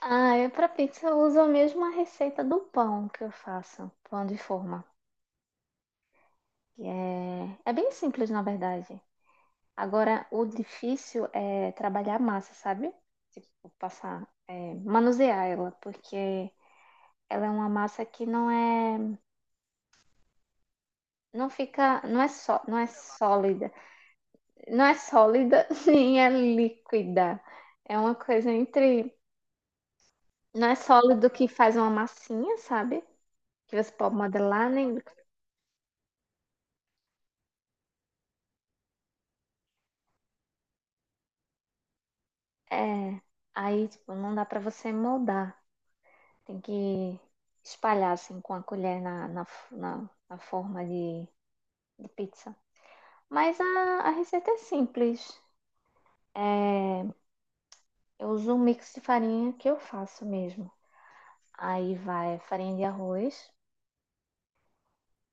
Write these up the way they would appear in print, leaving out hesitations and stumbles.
Ah, é para pizza eu uso a mesma receita do pão que eu faço, pão de forma. E é bem simples, na verdade. Agora, o difícil é trabalhar a massa, sabe? Tipo, passar, manusear ela, porque ela é uma massa que não é, não fica, não é só, não é sólida, não é sólida nem é líquida. É uma coisa entre, não é sólido que faz uma massinha, sabe? Que você pode modelar, nem É, aí, tipo, não dá pra você moldar. Tem que espalhar, assim, com a colher na forma de pizza. Mas a receita é simples. É, eu uso um mix de farinha que eu faço mesmo. Aí vai farinha de arroz,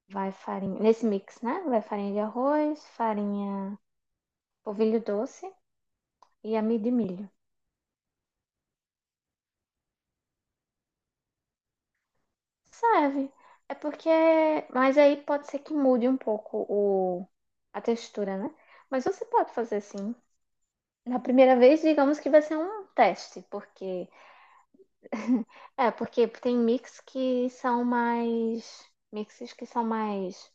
vai farinha... Nesse mix, né? Vai farinha de arroz, farinha polvilho doce e amido de milho. Serve. É porque. Mas aí pode ser que mude um pouco o... a textura, né? Mas você pode fazer assim. Na primeira vez, digamos que vai ser um teste, porque. É, porque tem mix que são mais. Mixes que são mais.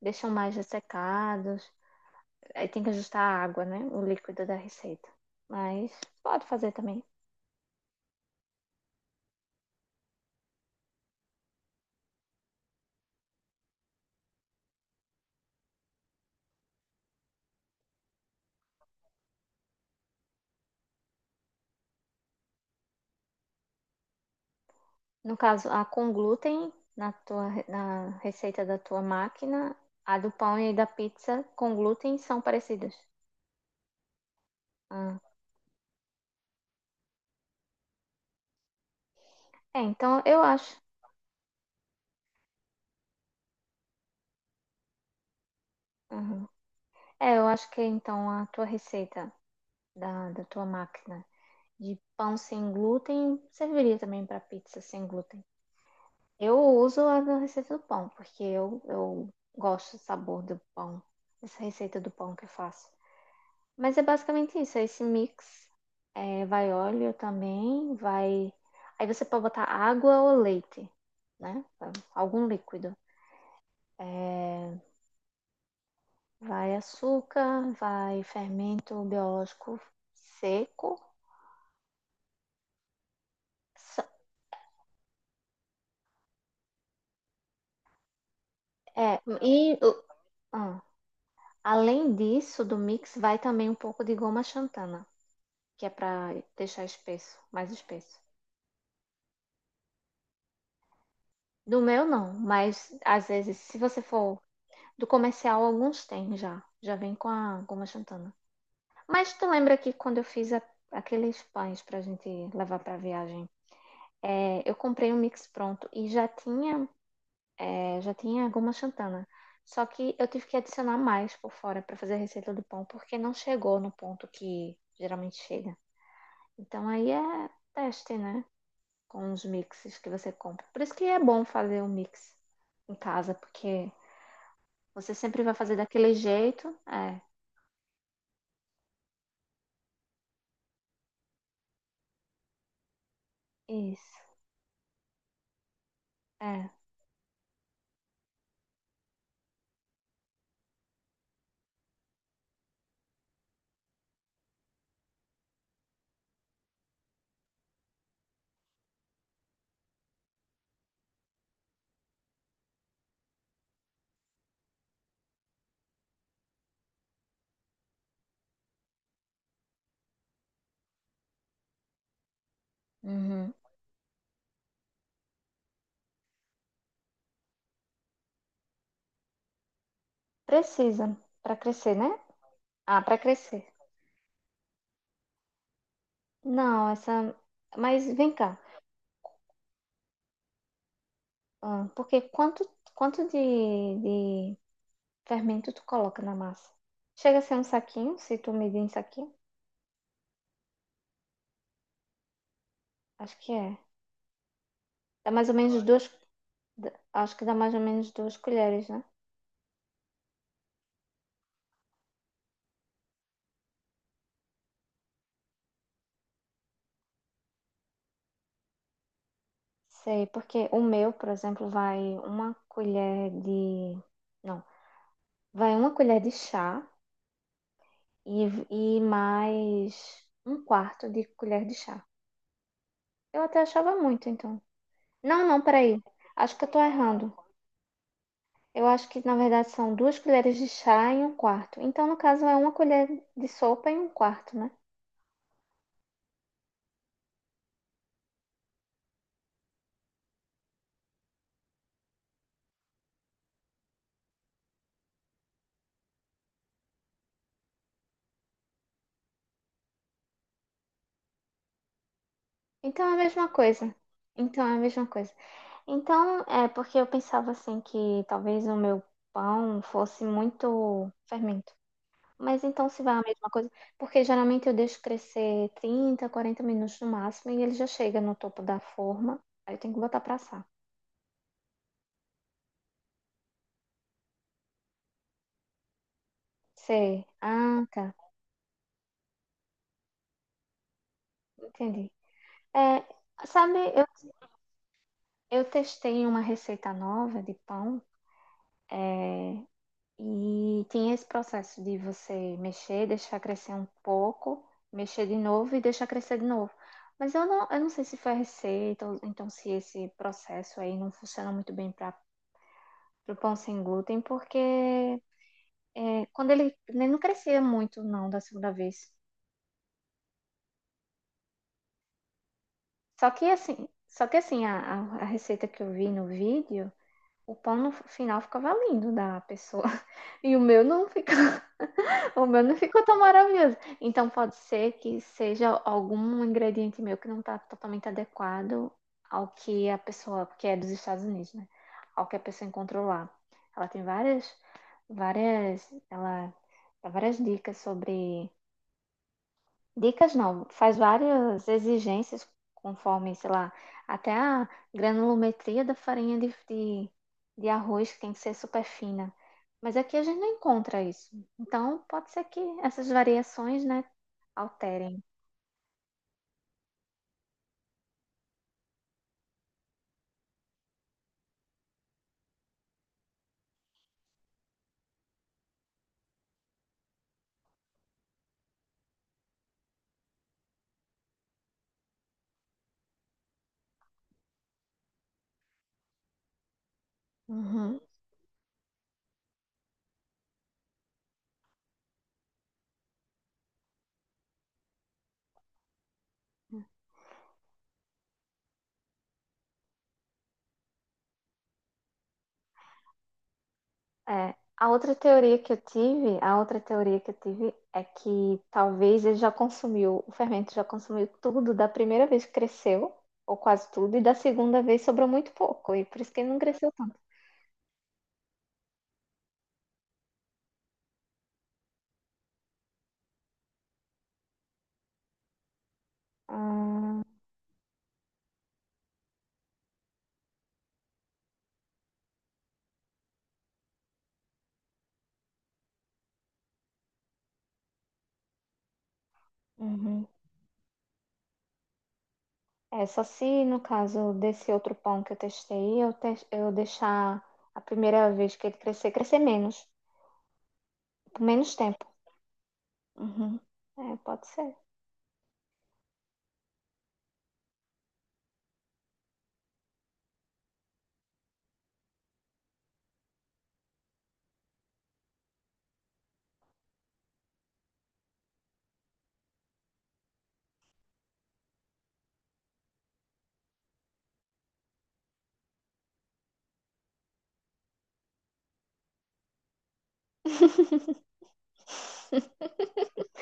Deixam mais ressecados. Aí tem que ajustar a água, né? O líquido da receita. Mas pode fazer também. No caso, a com glúten na receita da tua máquina, a do pão e da pizza com glúten são parecidas. Ah, É, então eu acho. Uhum. É, eu acho que então a tua receita da tua máquina de pão sem glúten serviria também para pizza sem glúten. Eu uso a da receita do pão, porque eu gosto do sabor do pão, essa receita do pão que eu faço. Mas é basicamente isso, é esse mix. É, vai óleo também, vai. Aí você pode botar água ou leite, né? Algum líquido. É, vai açúcar, vai fermento biológico seco. S- É. Ah, além disso, do mix, vai também um pouco de goma xantana, que é para deixar espesso, mais espesso. Do meu não, mas às vezes, se você for. Do comercial, alguns tem já. Já vem com a goma xantana. Mas tu lembra que quando eu fiz aqueles pães pra gente levar pra viagem, eu comprei um mix pronto e já tinha, já tinha goma xantana. Só que eu tive que adicionar mais por fora pra fazer a receita do pão, porque não chegou no ponto que geralmente chega. Então aí é teste, né? Com os mixes que você compra. Por isso que é bom fazer o mix em casa, porque você sempre vai fazer daquele jeito. É, isso. É. Uhum. Precisa para crescer, né? Ah, para crescer. Não, essa. Mas vem cá. Ah, porque quanto de fermento tu coloca na massa? Chega a ser um saquinho, se tu medir em saquinho? Acho que é. Dá mais ou menos duas. Acho que dá mais ou menos 2 colheres, né? Sei, porque o meu, por exemplo, vai uma colher de. Não, vai 1 colher de chá e, e mais 1/4 de colher de chá. Eu até achava muito, então. Não, não, peraí. Acho que eu tô errando. Eu acho que, na verdade, são 2 colheres de chá em um quarto. Então, no caso, é 1 colher de sopa em um quarto, né? Então, é a mesma coisa. Então, é a mesma coisa. Então, é porque eu pensava assim que talvez o meu pão fosse muito fermento. Mas então, se vai a mesma coisa, porque geralmente eu deixo crescer 30, 40 minutos no máximo e ele já chega no topo da forma. Aí eu tenho que botar pra assar. Sei. Ah, tá. Entendi. É, sabe, eu, testei uma receita nova de pão e tinha esse processo de você mexer, deixar crescer um pouco, mexer de novo e deixar crescer de novo. Mas eu não sei se foi a receita, ou então se esse processo aí não funciona muito bem para o pão sem glúten, porque é, quando ele não crescia muito, não, da segunda vez. Só que assim, a, a receita que eu vi no vídeo. O pão no final ficava lindo da pessoa. E o meu não ficou. O meu não ficou tão maravilhoso. Então pode ser que seja algum ingrediente meu que não está totalmente adequado ao que a pessoa, que é dos Estados Unidos, né? Ao que a pessoa encontrou lá. Ela tem várias, várias, ela dá várias dicas sobre. Dicas não, faz várias exigências conforme, sei lá, até a granulometria da farinha de arroz que tem que ser super fina. Mas aqui a gente não encontra isso. Então, pode ser que essas variações, né, alterem. Uhum. É, a outra teoria que eu tive, a outra teoria que eu tive é que talvez ele já consumiu, o fermento já consumiu tudo da primeira vez que cresceu, ou quase tudo, e da segunda vez sobrou muito pouco, e por isso que ele não cresceu tanto. Ah, uhum. É, só se no caso desse outro pão que eu testei, eu deixar a primeira vez que ele crescer, crescer menos, por menos tempo. Uhum. É, pode ser.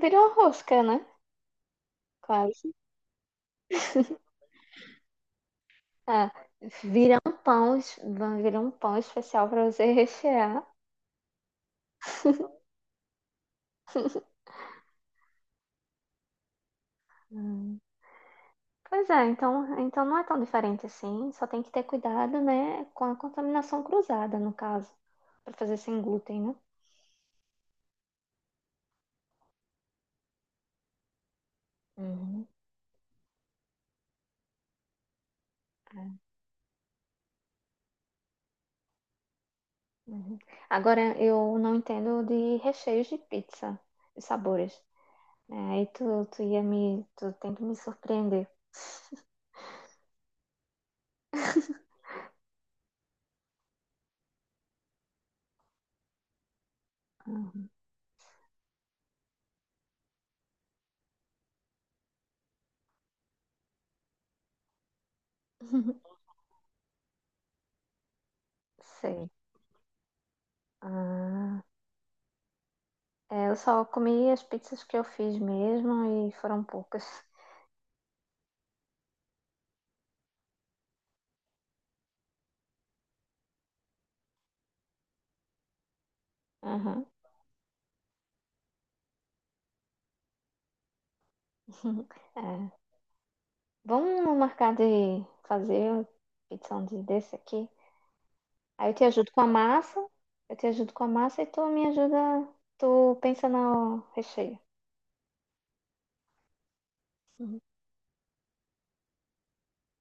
Vira uma rosca, né? Quase. Ah, vira um pão, vai virar um pão especial para você rechear. Hum. Pois é, então, então não é tão diferente assim, só tem que ter cuidado, né, com a contaminação cruzada, no caso, para fazer sem glúten, né? Uhum. Uhum. Agora, eu não entendo de recheios de pizza, de sabores. É, aí tu tem que me surpreender. Uhum. Sei. Ah, é, eu só comi as pizzas que eu fiz mesmo e foram poucas. Aham. É. Vamos marcar de fazer pizza um dia desse aqui. Aí eu te ajudo com a massa, eu te ajudo com a massa e tu me ajuda, tu pensa no recheio. Uhum.